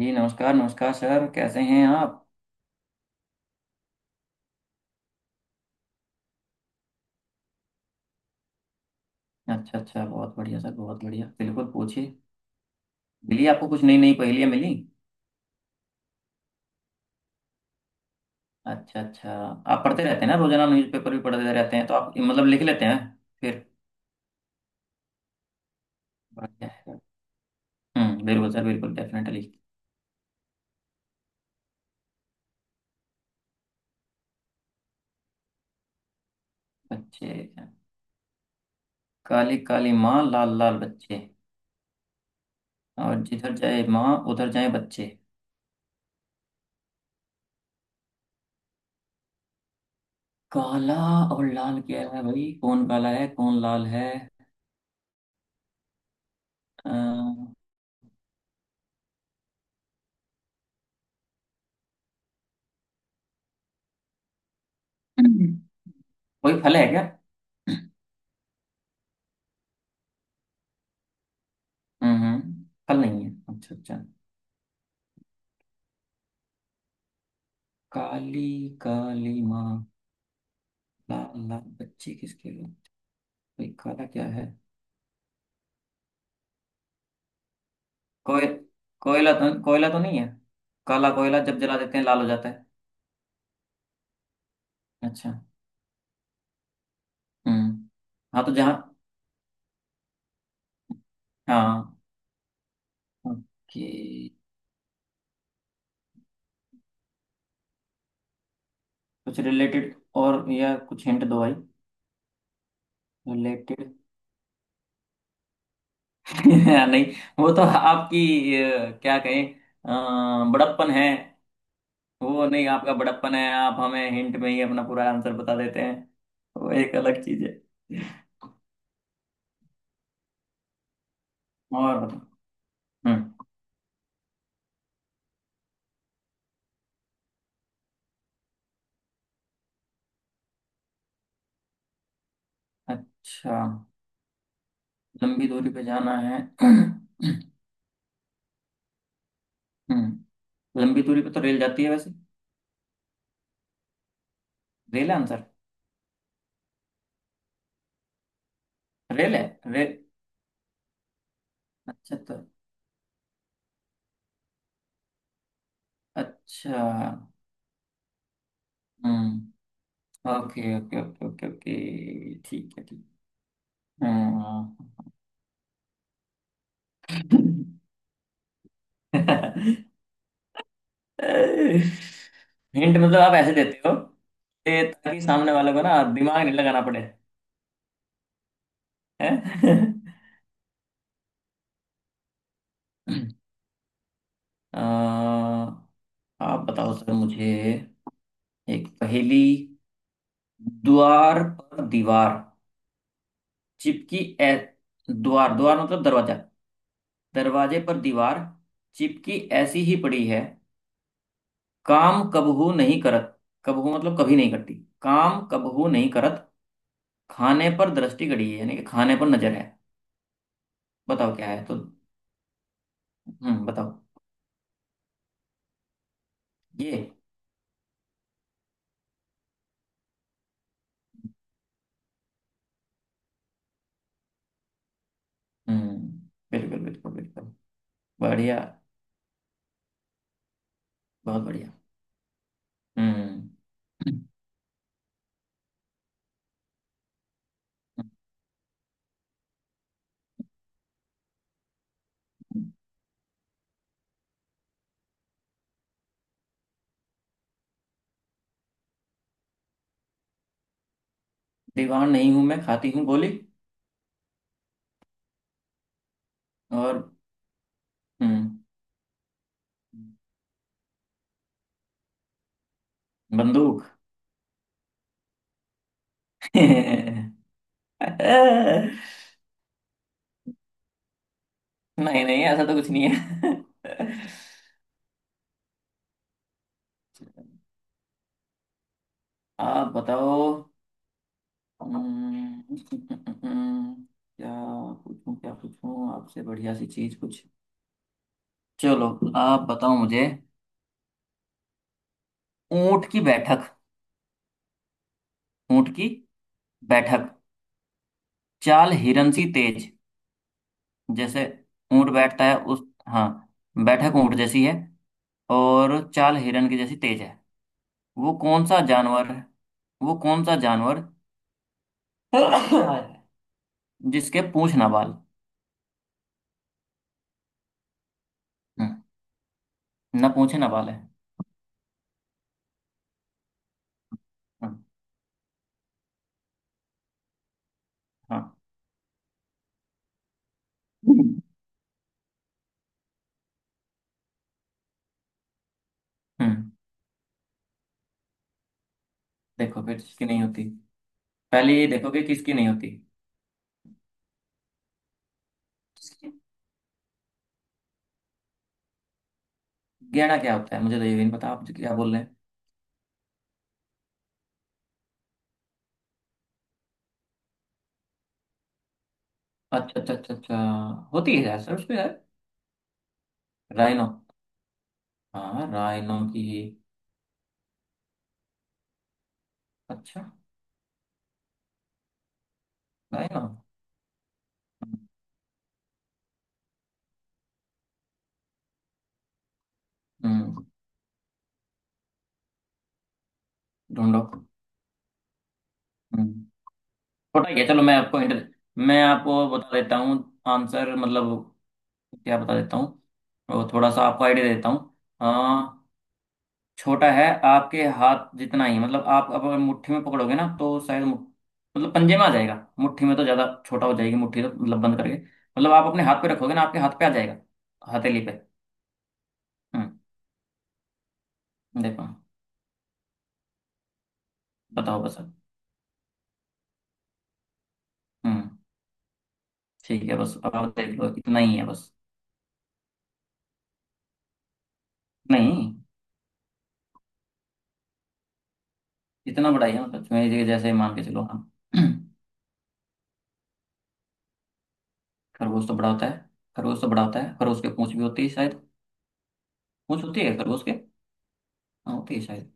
जी नमस्कार। नमस्कार सर, कैसे हैं आप? अच्छा अच्छा, बहुत बढ़िया सर, बहुत बढ़िया, बिल्कुल पूछिए। मिली आपको कुछ नई नई पहेलियाँ मिली? अच्छा अच्छा। आप पढ़ते रहते हैं ना, रोजाना न्यूज़पेपर भी पढ़ते रहते हैं, तो आप मतलब लिख लेते हैं फिर। बढ़िया है। हम्म, बिल्कुल सर, बिल्कुल डेफिनेटली। बच्चे। काली काली माँ, लाल लाल बच्चे, और जिधर जाए माँ उधर जाए बच्चे। काला और लाल क्या है भाई? कौन काला है, कौन लाल है? अ, कोई फल है क्या? हम्म। फल नहीं है, अच्छा अच्छा। काली काली माँ, लाल लाल बच्चे किसके लिए? भाई काला क्या है? कोय कोयला? कोयला तो नहीं है। काला कोयला जब जला देते हैं लाल हो जाता है। अच्छा। हम्म। हाँ, तो जहाँ। हाँ। ओके। कुछ रिलेटेड और, या कुछ हिंट दो भाई। रिलेटेड। नहीं, वो तो आपकी, क्या कहें, बड़प्पन है। वो नहीं, आपका बड़प्पन है, आप हमें हिंट में ही अपना पूरा आंसर बता देते हैं। वो एक अलग चीज है। और बताओ। हम्म। अच्छा, लंबी दूरी पे जाना है। हम्म। लंबी दूरी पे तो रेल जाती है वैसे। रेल है आंसर? रेल है। रेल। अच्छा तो। अच्छा। हम्म। Okay okay okay okay okay. ठीक है, ठीक। हम्म। हिंट मतलब आप ऐसे देते हो कि ताकि सामने वाले को ना दिमाग नहीं लगाना पड़े। हैं? अ, आप बताओ सर मुझे एक पहेली। द्वार पर दीवार चिपकी ऐ। द्वार, द्वार मतलब दरवाजा। दरवाजे पर दीवार चिपकी ऐसी ही पड़ी है। काम कबहू नहीं करत। कबहू मतलब कभी नहीं करती। काम कबहू नहीं करत। खाने पर दृष्टि गड़ी है, यानी कि खाने पर नजर है। बताओ क्या है तो। हम्म, बताओ ये। हम्म, बिल्कुल बिल्कुल बिल्कुल। बढ़िया। बहुत बढ़िया। हम्म हम्म, हम्म, हम्म। दीवार नहीं हूं मैं खाती हूँ गोली और। हम्म। बंदूक। नहीं नहीं, ऐसा तो कुछ नहीं है। आप बताओ। हम्म, क्या पूछूं? क्या पूछूं आपसे बढ़िया सी चीज कुछ? चलो, आप बताओ मुझे। ऊंट की बैठक। ऊंट की बैठक। चाल हिरन सी तेज। जैसे ऊंट बैठता है उस, हाँ, बैठक ऊंट जैसी है, और चाल हिरन की जैसी तेज है। वो कौन सा जानवर है? वो कौन सा जानवर। जिसके पूंछ ना बाल। हम्म, ना पूंछे ना बाल है। हम्म, हाँ। हम्म। देखो फिर जिसकी नहीं होती। पहले ये देखो कि किसकी नहीं होती। किसकी? गहना क्या होता है? मुझे तो ये भी नहीं पता आप क्या बोल रहे हैं। अच्छा अच्छा अच्छा अच्छा, होती है यार सर उसमें, यार। राइनो। हाँ, राइनो की। अच्छा। राइनो। हम्म। हम्म, ढूंढो। हम्म। छोटा ही है। चलो मैं आपको इंटर, मैं आपको बता देता हूँ आंसर, मतलब क्या बता देता हूँ, और थोड़ा सा आपको आइडिया देता हूँ। हाँ, छोटा है, आपके हाथ जितना ही, मतलब आप अब अगर मुट्ठी में पकड़ोगे ना तो शायद मतलब पंजे में आ जाएगा। मुट्ठी में तो ज्यादा छोटा हो जाएगी मुट्ठी, तो मतलब बंद करके, मतलब आप अपने हाथ पे रखोगे ना आपके हाथ पे आ जाएगा। हथेली पे। हम्म। देखो। बताओ बस अब। हम्म। ठीक है बस, अब आप देख लो, इतना ही है बस। नहीं। इतना बड़ा ही है, मतलब मेरे जैसे मान के चलो हम। खरगोश तो बड़ा होता है। खरगोश तो बड़ा होता है, खरगोश के पूंछ भी होती है शायद। पूंछ होती है खरगोश के, हाँ। होती है शायद।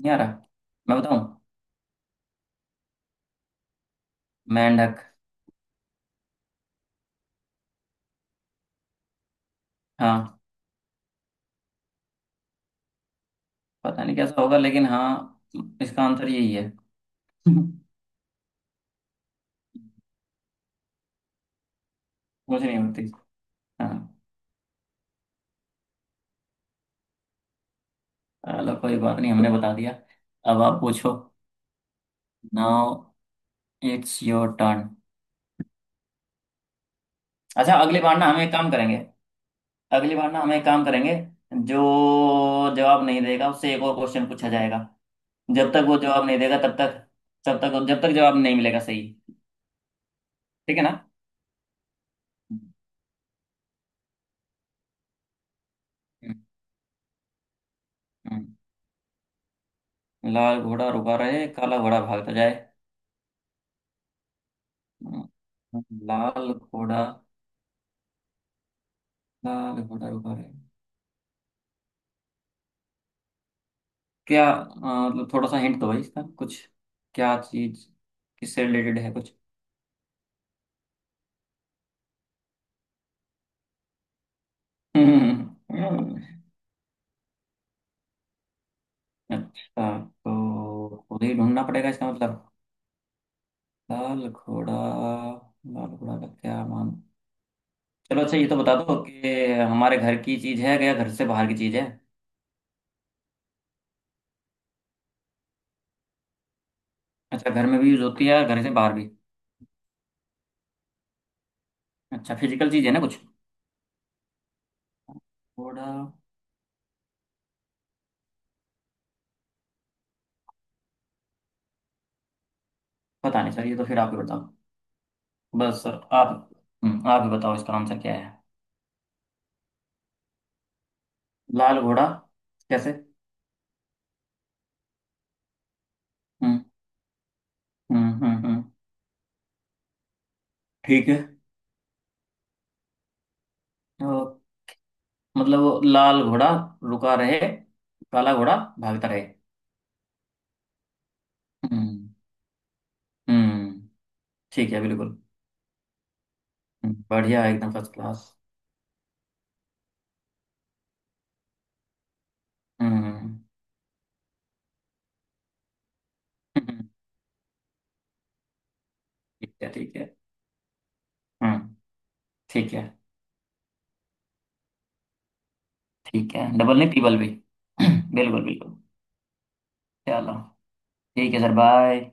नहीं आ रहा। मैं बताऊं? मेंढक। हाँ, पता नहीं कैसा होगा लेकिन हाँ, इसका आंसर यही है। कुछ नहीं होती। हाँ। चलो कोई बात नहीं, हमने बता दिया। अब आप पूछो। Now it's your turn. अच्छा, अगली बार ना हम एक काम करेंगे, अगली बार ना हम एक काम करेंगे, जो जवाब नहीं देगा उससे एक और क्वेश्चन पूछा जाएगा। जब तक वो जवाब नहीं देगा तब तक, तब तक जब तक जवाब नहीं मिलेगा सही। ठीक है ना? हम्म, हम्म। लाल घोड़ा रुका रहे काला घोड़ा भागता जाए। लाल घोड़ा, लाल घोड़ा उभा है? क्या मतलब थोड़ा सा हिंट दो भाई इसका कुछ। क्या चीज? किससे रिलेटेड है कुछ? हम्म, अच्छा तो खुद ही ढूंढना पड़ेगा इसका मतलब। लाल घोड़ा, लाल घोड़ा का क्या मान। चलो अच्छा, ये तो बता दो कि हमारे घर की चीज है या घर से बाहर की चीज है? अच्छा, घर में भी यूज होती है घर से बाहर भी। अच्छा, फिजिकल चीज है ना कुछ? घोड़ा। पता नहीं सर, ये तो फिर आप ही बताओ। बस सर आप, आप ही बताओ इसका आंसर क्या है। लाल घोड़ा कैसे? हम्म हम्म हम्म हम्म, ठीक है। तो मतलब वो लाल घोड़ा रुका रहे, काला घोड़ा भागता रहे। हम्म। हम्म, ठीक है, बिल्कुल। बढ़िया है, एकदम फर्स्ट क्लास। हम्म हम्म, हम्म, हम्म, ठीक है ठीक है। हम्म। ठीक है, ठीक है, डबल नहीं ट्रिपल भी। बिल्कुल बिल्कुल। चलो ठीक है सर, बाय।